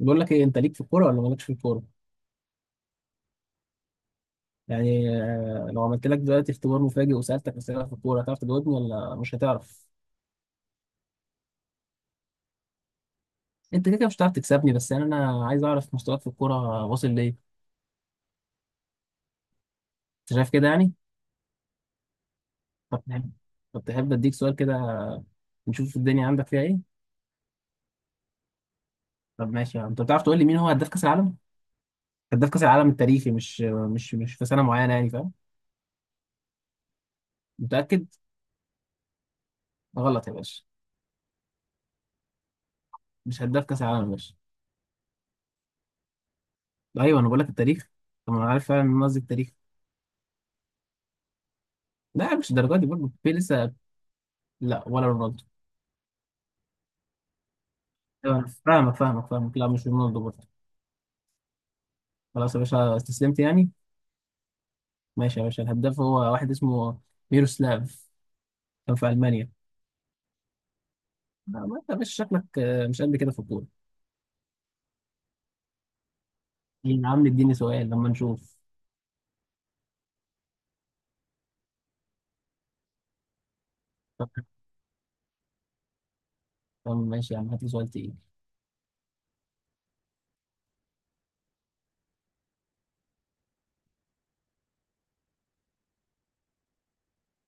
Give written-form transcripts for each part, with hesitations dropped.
بقول لك ايه، انت ليك في الكوره ولا مالكش في الكوره؟ يعني لو عملت لك دلوقتي اختبار مفاجئ وسالتك اسئله في الكوره هتعرف تجاوبني ولا مش هتعرف؟ انت كده كده مش هتعرف تكسبني، بس يعني انا عايز اعرف مستواك في الكوره واصل لايه. انت شايف كده يعني؟ طب تحب طب تحب اديك سؤال كده، نشوف الدنيا عندك فيها ايه. طب ماشي يعني. انت بتعرف تقول لي مين هو هداف كاس العالم؟ هداف كاس العالم التاريخي، مش في سنه معينه يعني، فاهم؟ متاكد؟ غلط يا باشا، مش هداف كاس العالم يا باشا. ايوه انا بقول لك التاريخ. طب ما انا عارف فعلا ان أنا قصدي التاريخ. لا مش الدرجه دي برضه، في لسه. لا ولا رونالدو. تمام، فاهمك فاهمك فاهمك. لا مش رونالدو برضه. خلاص يا باشا استسلمت يعني؟ ماشي يا باشا، الهداف هو واحد اسمه ميروسلاف، كان في ألمانيا. لا ما انت يا باشا شكلك مش قد كده في الكورة. إيه يا عم؟ اديني سؤال لما نشوف. طب. طب ماشي يا عم هات لي سؤال تقيل.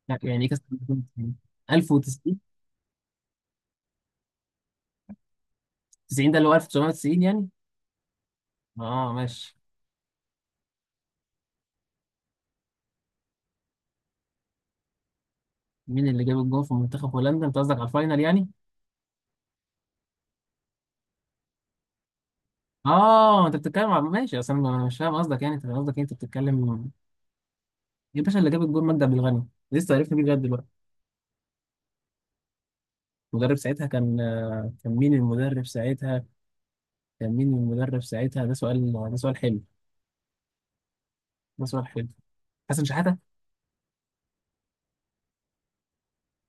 لا، يعني ايه كاس 1990 1090؟ 90 ده اللي هو 1990 يعني. اه ماشي. مين اللي جاب الجون في منتخب هولندا؟ انت قصدك على الفاينل يعني؟ اه انت بتتكلم على، ماشي، اصل أنا مش فاهم قصدك يعني، انت قصدك إيه؟ انت بتتكلم. يا باشا اللي جاب الجول مجدي عبد الغني، لسه عرفنا بيه لغايه دلوقتي. المدرب ساعتها كان، كان مين المدرب ساعتها؟ كان مين المدرب ساعتها؟ ده سؤال، ده سؤال حلو. ده سؤال حلو. حسن شحاته.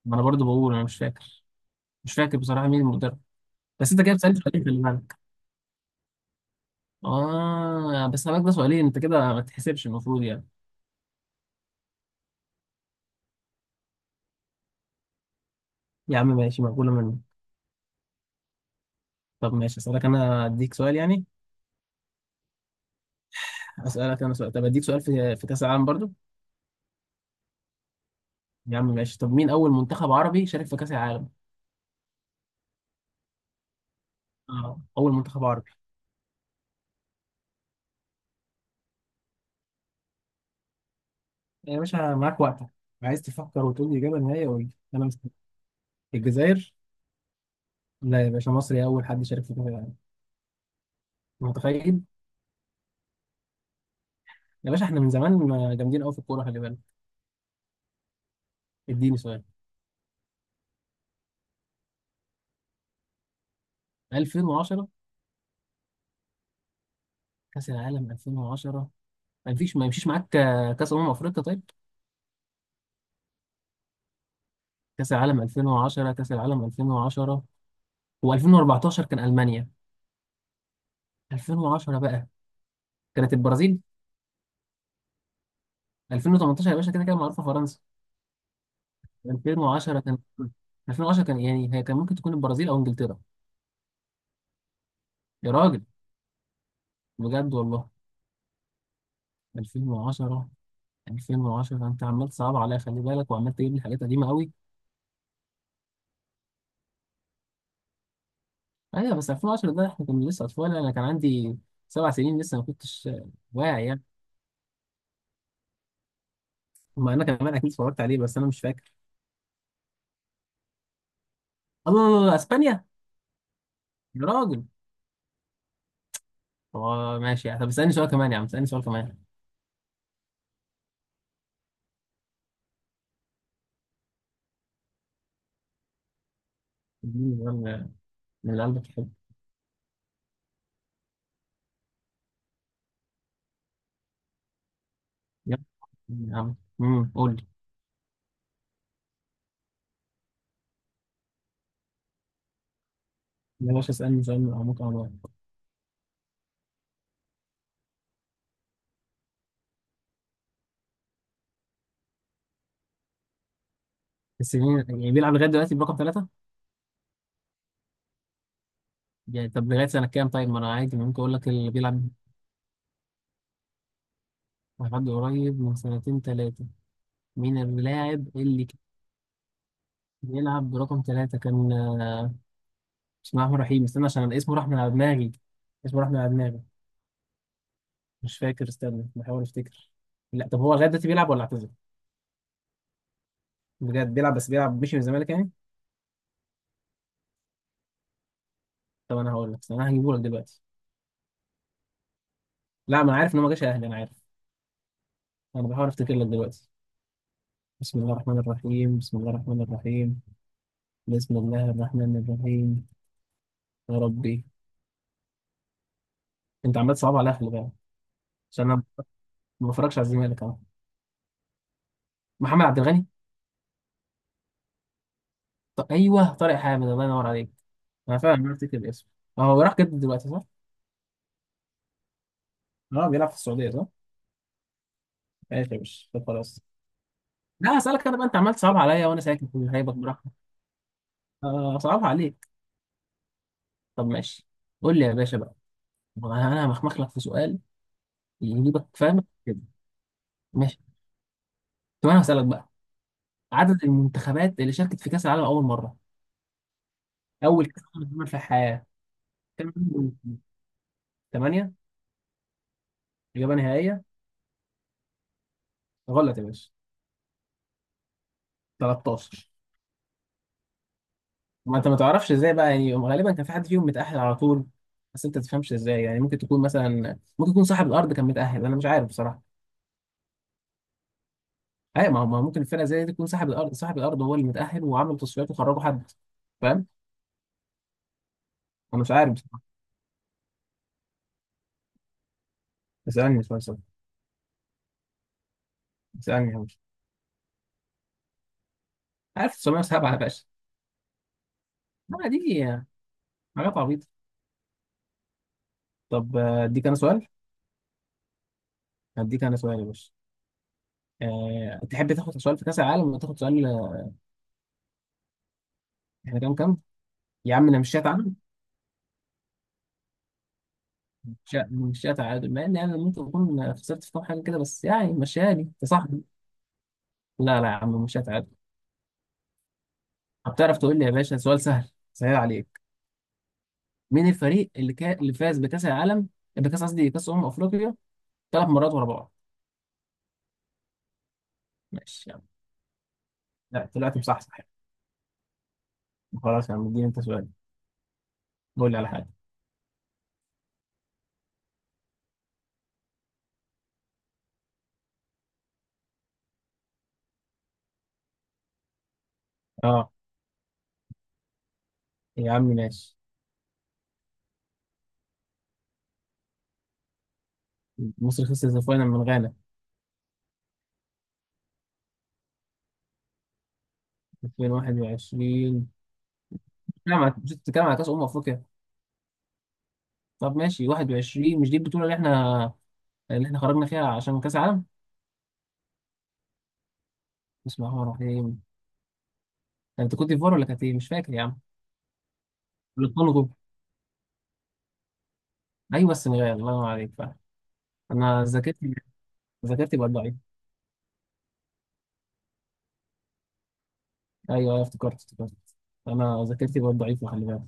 ما انا برضو بقول انا مش فاكر. مش فاكر بصراحه مين المدرب. بس انت كده بتسالني سؤالين في بالك. اه بس انا ده سؤالين، انت كده ما تحسبش المفروض يعني. يا عم ماشي، مقبوله مني. طب ماشي اسالك انا اديك سؤال يعني. اسالك انا سؤال، طب اديك سؤال في كاس العالم برضو. يا عم ماشي، طب مين اول منتخب عربي شارك في كاس العالم؟ اه اول منتخب عربي. يا باشا معاك وقتك، عايز تفكر وتقول لي إجابة نهائية قول لي، أنا مستني. الجزائر؟ لا يا باشا، مصري أول حد شارك في كأس العالم. متخيل؟ يا باشا إحنا من زمان ما جامدين أوي في الكورة، خلي بالك. اديني سؤال. 2010؟ كأس العالم 2010. ما فيش ما يمشيش معاك، كأس أمم أفريقيا طيب؟ كأس العالم 2010، كأس العالم 2010. و2014 كان ألمانيا. 2010 بقى كانت البرازيل. 2018 يا باشا كده كده معروفة، فرنسا. 2010 كان، 2010 كان يعني، هي كان ممكن تكون البرازيل أو إنجلترا. يا راجل بجد والله. 2010. 2010 انت عمال تصعب عليا، خلي بالك، وعمال تجيب لي حاجات قديمه قوي. ايوه بس 2010 ده احنا كنا لسه اطفال، انا كان عندي سبع سنين، لسه ما كنتش واعي يعني. ما انا كمان اكيد اتفرجت عليه بس انا مش فاكر. الله الله الله، اسبانيا. يا راجل. اه ماشي، طب اسالني سؤال كمان يا عم، اسالني سؤال كمان. اديني سؤال. من اللي قلبك يحب؟ يلا يا عم. قول لي يا باشا، اسالني سؤال من عمق انا. السنين يعني بيلعب لغايه دلوقتي برقم ثلاثه يعني؟ طب لغايه سنه كام طيب؟ ما انا عادي ممكن اقول لك اللي بيلعب. لحد قريب من سنتين تلاتة، مين اللاعب اللي كان بيلعب برقم تلاتة، كان بسم الله الرحمن الرحيم، استنى عشان اسمه راح من على دماغي. اسمه راح من على دماغي. مش فاكر، استنى بحاول افتكر. لا طب هو لغاية دلوقتي بيلعب ولا اعتزل؟ بجد بيلعب؟ بس بيلعب مشي من الزمالك يعني؟ طب انا هقول لك، استنى انا هجيبه لك دلوقتي. لا ما انا عارف ان هو ما جاش اهلي، انا عارف. انا بحاول افتكر لك دلوقتي. بسم الله الرحمن الرحيم، بسم الله الرحمن الرحيم. بسم الله الرحمن الرحيم. يا ربي. انت عمال تصعب على اهلي بقى. عشان انا ما بفرجش على الزمالك اهو. محمد عبد الغني. ايوه طارق حامد، الله ينور عليك. انا فعلا عرفت كده الاسم. هو راح جد دلوقتي صح؟ اه بيلعب في السعودية صح؟ ماشي يا باشا طب خلاص. لا هسألك انا بقى، انت عمال تصعب عليا وانا ساكت. هيبك براحتك. صعبها عليك. طب ماشي. قول لي يا باشا بقى، انا همخمخ لك في سؤال يجيبك فاهم كده. ماشي. طب انا هسألك بقى، عدد المنتخبات اللي شاركت في كأس العالم اول مرة، اول كأس عالم اتعمل في الحياة. كام؟ 8؟ إجابة نهائية؟ غلط يا باشا. 13. ما انت ما تعرفش ازاي بقى يعني، غالبا كان في حد فيهم متأهل على طول، بس انت تفهمش ازاي يعني، ممكن تكون مثلا، ممكن يكون صاحب الارض كان متأهل، انا مش عارف بصراحة. اي ما هو ممكن الفرقة زي دي تكون صاحب الارض، صاحب الارض هو اللي متأهل وعمل تصفيات وخرجوا حد، فاهم. انا مش عارف بصراحة. اسألني اسألني اسألني. اسألني يا باشا. عارف، 907 يا باشا. لا دي حاجات عبيطة. طب اديك انا سؤال، هديك انا سؤال يا باشا. تحب تاخد سؤال في كأس العالم ولا تاخد سؤال؟ احنا كام كام؟ يا عم انا مش شات. مشيها مشيها تعادل، مع ان يعني ممكن اكون خسرت في كام حاجه كده، بس يعني مشاني انت صاحبي. لا لا يا عم مشيها تعادل. هتعرف تقول لي يا باشا سؤال سهل سهل عليك، مين الفريق اللي اللي فاز بكاس العالم، بكاس قصدي كاس افريقيا ثلاث مرات ورا بعض؟ ماشي يا عم. لا طلعت مصحصح يعني. خلاص يا عم اديني انت سؤال. قول لي على حاجه. اه يا عم ماشي. مصر خسرت الفاينل من غانا. 2021؟ بتتكلم على، مش بتتكلم على كاس افريقيا؟ طب ماشي، 21 مش دي البطوله اللي احنا، اللي احنا خرجنا فيها عشان كاس العالم؟ بسم الله الرحمن الرحيم. انت كنت في فار ولا كانت ايه، مش فاكر يا عم. الكونغو. ايوه السنغال، الله ينور عليك فعلا. انا ذاكرتي، ذاكرتي بقت ضعيفه. ايوه ايوه افتكرت افتكرت. انا ذاكرتي بقت ضعيفه، خلي بالك.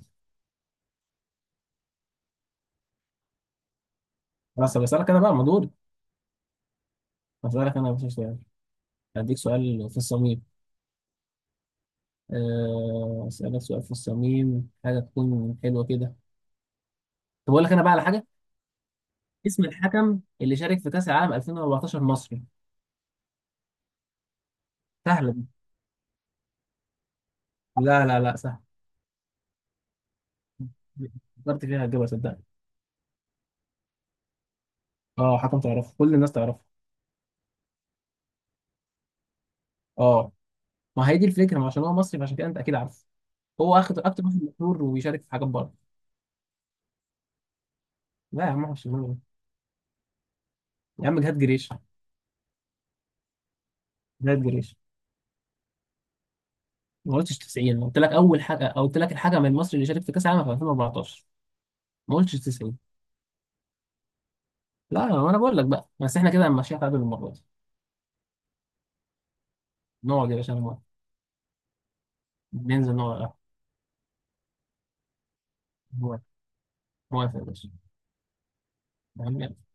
خلاص طب اسالك انا بقى مدور، اسالك انا مش سؤال، هديك سؤال في الصميم. اسالك سؤال في الصميم حاجه تكون حلوه كده. طب اقول لك انا بقى على حاجه. اسم الحكم اللي شارك في كاس العالم 2014 مصري. سهله دي. لا لا لا سهله. فكرت فيها هتجيبها صدقني. اه حكم تعرفه، كل الناس تعرفه. اه، ما هي دي الفكره، ما عشان هو مصري فعشان كده انت اكيد عارف. هو اخد اكتر واحد مشهور وبيشارك في حاجات بره. لا يا عم مش مهم. يا عم جهاد جريش. جهاد جريش. ما قلتش 90، قلت لك اول حاجه، أو قلت لك الحاجه من المصري اللي شارك في كاس العالم في 2014. ما قلتش 90. لا ما انا بقول لك بقى، بس احنا كده ماشيين قبل المره دي. نقعد يا باشا انا موافق. ننزل نقعد على القهوة. موافق. موافق يا باشا. يا عم يلا.